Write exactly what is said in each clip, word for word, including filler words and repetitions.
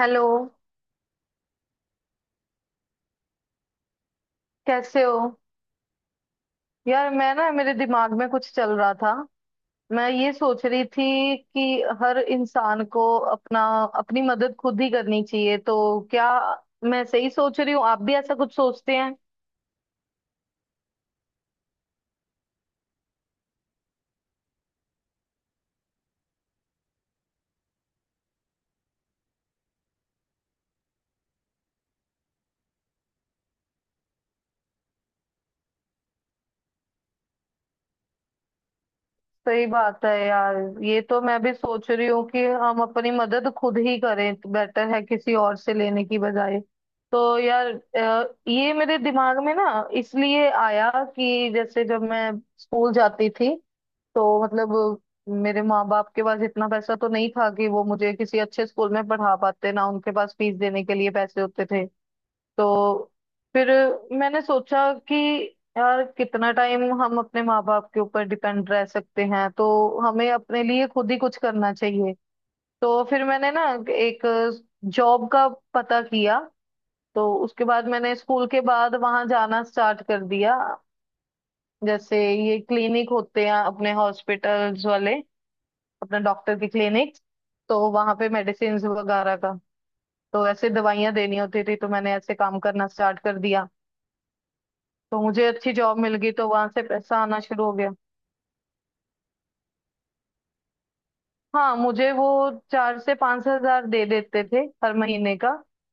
Hello. कैसे हो। यार मैं ना मेरे दिमाग में कुछ चल रहा था। मैं ये सोच रही थी कि हर इंसान को अपना अपनी मदद खुद ही करनी चाहिए। तो क्या मैं सही सोच रही हूँ? आप भी ऐसा कुछ सोचते हैं? सही बात है यार। ये तो मैं भी सोच रही हूँ कि हम अपनी मदद खुद ही करें तो बेटर है किसी और से लेने की बजाय। तो यार अ, ये मेरे दिमाग में ना इसलिए आया कि जैसे जब मैं स्कूल जाती थी तो मतलब मेरे माँ बाप के पास इतना पैसा तो नहीं था कि वो मुझे किसी अच्छे स्कूल में पढ़ा पाते ना उनके पास फीस देने के लिए पैसे होते थे। तो फिर मैंने सोचा कि यार कितना टाइम हम अपने माँ बाप के ऊपर डिपेंड रह सकते हैं, तो हमें अपने लिए खुद ही कुछ करना चाहिए। तो फिर मैंने ना एक जॉब का पता किया। तो उसके बाद मैंने स्कूल के बाद वहां जाना स्टार्ट कर दिया। जैसे ये क्लिनिक होते हैं अपने हॉस्पिटल्स वाले, अपना डॉक्टर की क्लिनिक। तो वहां पे मेडिसिन वगैरह का, तो ऐसे दवाइयां देनी होती थी, तो मैंने ऐसे काम करना स्टार्ट कर दिया। तो मुझे अच्छी जॉब मिल गई, तो वहां से पैसा आना शुरू हो गया। हाँ, मुझे वो चार से पांच हजार दे देते थे हर महीने का।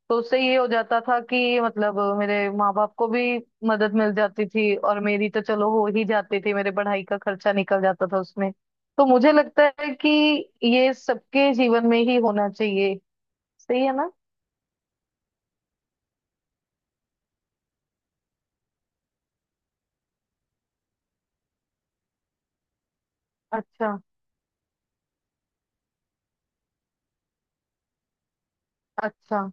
तो उससे ये हो जाता था कि मतलब मेरे माँ बाप को भी मदद मिल जाती थी, और मेरी तो चलो हो ही जाती थी, मेरे पढ़ाई का खर्चा निकल जाता था उसमें। तो मुझे लगता है कि ये सबके जीवन में ही होना चाहिए। सही है ना? अच्छा। अच्छा।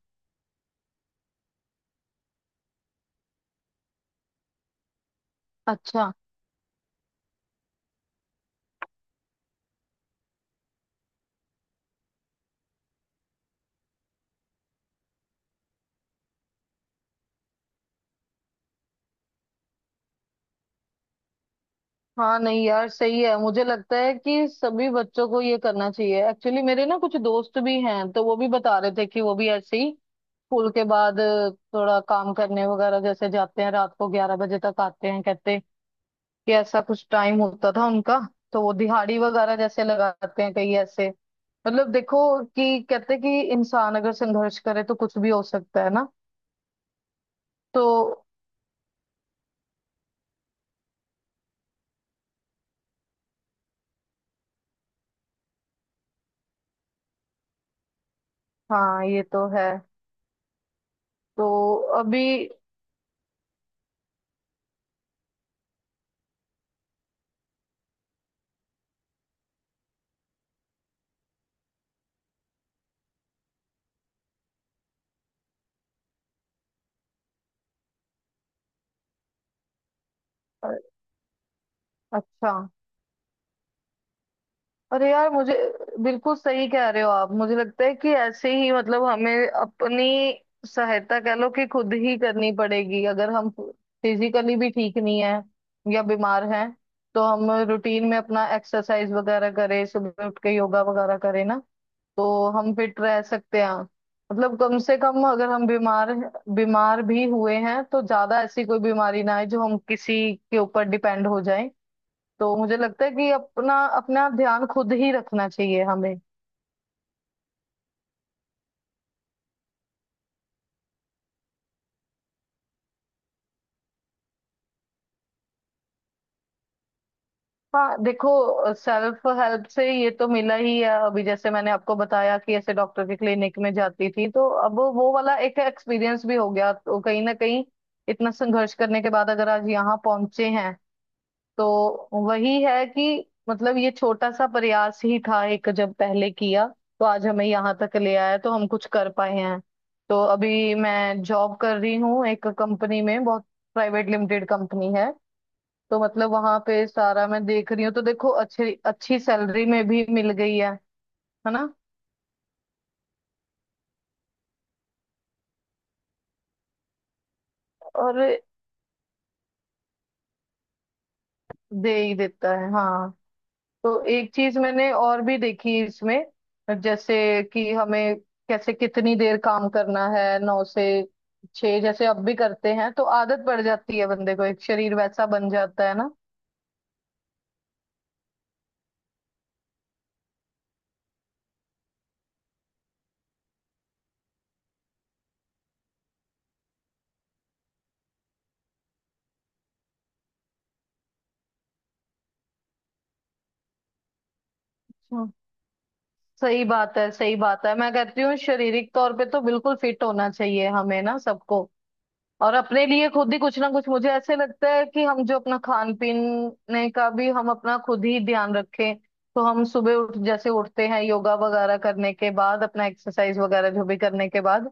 अच्छा। हाँ, नहीं यार सही है। मुझे लगता है कि सभी बच्चों को ये करना चाहिए एक्चुअली। मेरे ना कुछ दोस्त भी हैं, तो वो भी बता रहे थे कि वो भी ऐसे ही स्कूल के बाद अ, थोड़ा काम करने वगैरह जैसे जाते हैं। रात को ग्यारह बजे तक आते हैं। कहते हैं कि ऐसा कुछ टाइम होता था उनका। तो वो दिहाड़ी वगैरह जैसे लगाते हैं कहीं ऐसे। मतलब देखो कि कहते हैं कि इंसान अगर संघर्ष करे तो कुछ भी हो सकता है ना। तो हाँ, ये तो है। तो अभी अ, अच्छा। अरे यार, मुझे बिल्कुल सही कह रहे हो आप। मुझे लगता है कि ऐसे ही मतलब हमें अपनी सहायता कह लो कि खुद ही करनी पड़ेगी। अगर हम फिजिकली भी ठीक नहीं है या बीमार हैं, तो हम रूटीन में अपना एक्सरसाइज वगैरह करें, सुबह उठ के योगा वगैरह करें ना, तो हम फिट रह सकते हैं। मतलब कम से कम अगर हम बीमार बीमार भी हुए हैं तो ज्यादा ऐसी कोई बीमारी ना आए जो हम किसी के ऊपर डिपेंड हो जाए। तो मुझे लगता है कि अपना अपना ध्यान खुद ही रखना चाहिए हमें। हाँ देखो, सेल्फ हेल्प से ये तो मिला ही है। अभी जैसे मैंने आपको बताया कि ऐसे डॉक्टर की क्लिनिक में जाती थी, तो अब वो वाला एक एक्सपीरियंस भी हो गया। तो कहीं ना कहीं इतना संघर्ष करने के बाद अगर आज यहाँ पहुंचे हैं, तो वही है कि मतलब ये छोटा सा प्रयास ही था एक, जब पहले किया, तो आज हमें यहाँ तक ले आया, तो हम कुछ कर पाए हैं। तो अभी मैं जॉब कर रही हूँ एक कंपनी में, बहुत प्राइवेट लिमिटेड कंपनी है। तो मतलब वहां पे सारा मैं देख रही हूँ। तो देखो, अच्छी अच्छी सैलरी में भी मिल गई है। है ना? और दे ही देता है। हाँ। तो एक चीज मैंने और भी देखी इसमें। जैसे कि हमें कैसे कितनी देर काम करना है। नौ से छह जैसे अब भी करते हैं, तो आदत पड़ जाती है बंदे को, एक शरीर वैसा बन जाता है ना। हाँ सही बात है। सही बात है। मैं कहती हूँ शारीरिक तौर पे तो बिल्कुल फिट होना चाहिए हमें ना सबको। और अपने लिए खुद ही कुछ ना कुछ, मुझे ऐसे लगता है कि हम जो अपना खान पीने का भी हम अपना खुद ही ध्यान रखें। तो हम सुबह उठ जैसे उठते हैं, योगा वगैरह करने के बाद अपना एक्सरसाइज वगैरह जो भी करने के बाद,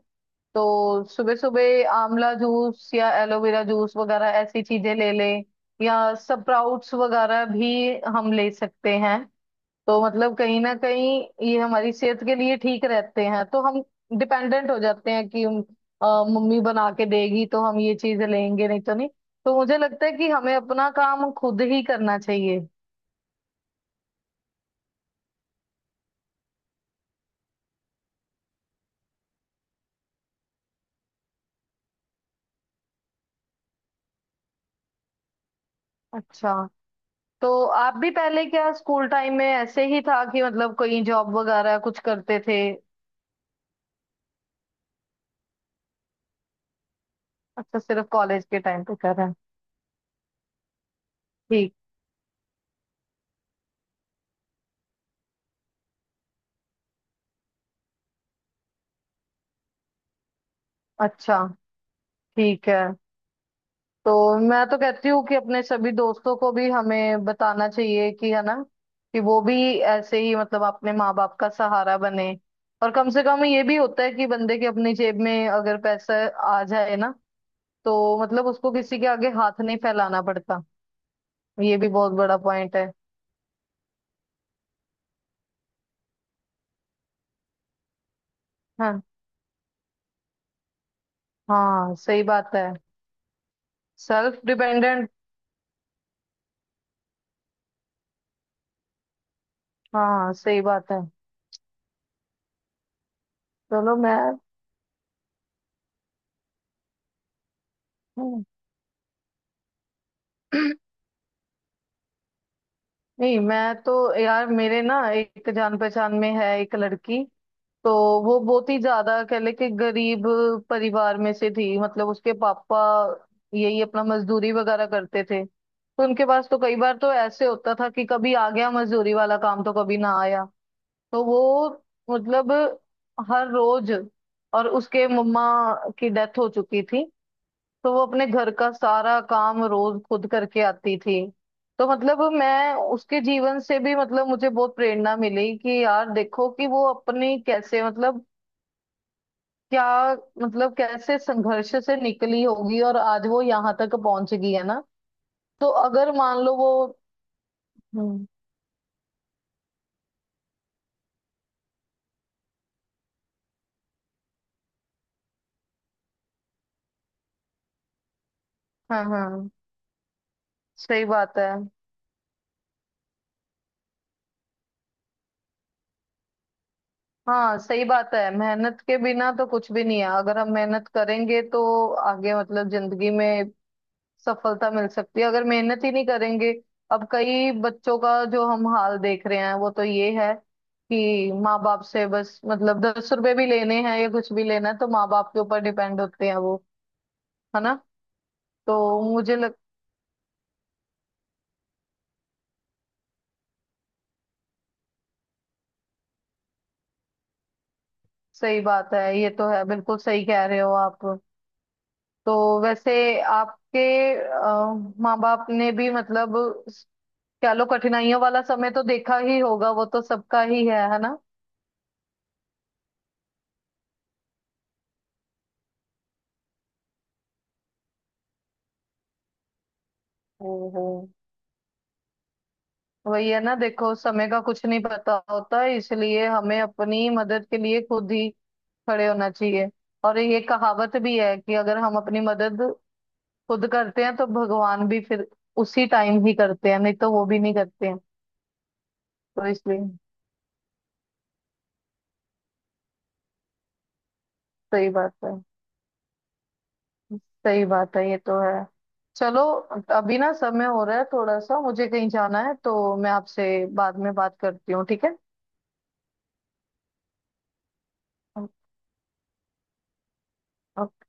तो सुबह सुबह आंवला जूस या एलोवेरा जूस वगैरह ऐसी चीजें ले लें, या स्प्राउट्स वगैरह भी हम ले सकते हैं। तो मतलब कहीं ना कहीं ये हमारी सेहत के लिए ठीक रहते हैं। तो हम डिपेंडेंट हो जाते हैं कि हम, अ, मम्मी बना के देगी तो हम ये चीजें लेंगे, नहीं तो नहीं। तो मुझे लगता है कि हमें अपना काम खुद ही करना चाहिए। अच्छा, तो आप भी पहले क्या स्कूल टाइम में ऐसे ही था कि मतलब कोई जॉब वगैरह कुछ करते थे? अच्छा, सिर्फ कॉलेज के टाइम पे कर रहे हैं। ठीक। अच्छा। ठीक है। तो मैं तो कहती हूँ कि अपने सभी दोस्तों को भी हमें बताना चाहिए, कि है ना, कि वो भी ऐसे ही मतलब अपने माँ बाप का सहारा बने। और कम से कम ये भी होता है कि बंदे के अपनी जेब में अगर पैसा आ जाए ना, तो मतलब उसको किसी के आगे हाथ नहीं फैलाना पड़ता। ये भी बहुत बड़ा पॉइंट है। हाँ हाँ, सही बात है। Self dependent. हाँ सही बात है। चलो मैं हम्म। नहीं मैं तो, यार मेरे ना एक जान पहचान में है एक लड़की। तो वो बहुत ही ज्यादा कह ले कि गरीब परिवार में से थी। मतलब उसके पापा यही अपना मजदूरी वगैरह करते थे, तो उनके पास तो कई बार तो ऐसे होता था कि कभी आ गया मजदूरी वाला काम, तो कभी ना आया। तो वो मतलब हर रोज और उसके मम्मा की डेथ हो चुकी थी, तो वो अपने घर का सारा काम रोज खुद करके आती थी। तो मतलब मैं उसके जीवन से भी मतलब मुझे बहुत प्रेरणा मिली कि यार देखो कि वो अपनी कैसे मतलब, क्या मतलब कैसे संघर्ष से निकली होगी, और आज वो यहाँ तक पहुंच गई है ना। तो अगर मान लो वो, हम्म। हाँ हाँ, सही बात है। हाँ सही बात है। मेहनत के बिना तो कुछ भी नहीं है। अगर हम मेहनत करेंगे तो आगे मतलब जिंदगी में सफलता मिल सकती है, अगर मेहनत ही नहीं करेंगे। अब कई बच्चों का जो हम हाल देख रहे हैं, वो तो ये है कि माँ बाप से बस मतलब दस रुपए भी लेने हैं या कुछ भी लेना है तो माँ बाप के ऊपर डिपेंड होते हैं वो। है ना? तो मुझे लग सही बात है, ये तो है, बिल्कुल सही कह रहे हो आप। तो वैसे आपके माँ बाप ने भी मतलब स- कह लो कठिनाइयों वाला समय तो देखा ही होगा। वो तो सबका ही है है ना? हम्म। वही है ना, देखो समय का कुछ नहीं पता होता, इसलिए हमें अपनी मदद के लिए खुद ही खड़े होना चाहिए। और ये कहावत भी है कि अगर हम अपनी मदद खुद करते हैं तो भगवान भी फिर उसी टाइम ही करते हैं, नहीं तो वो भी नहीं करते हैं। तो इसलिए सही बात है। सही बात है, ये तो है। चलो अभी ना समय हो रहा है थोड़ा सा, मुझे कहीं जाना है, तो मैं आपसे बाद में बात करती हूँ। ठीक है।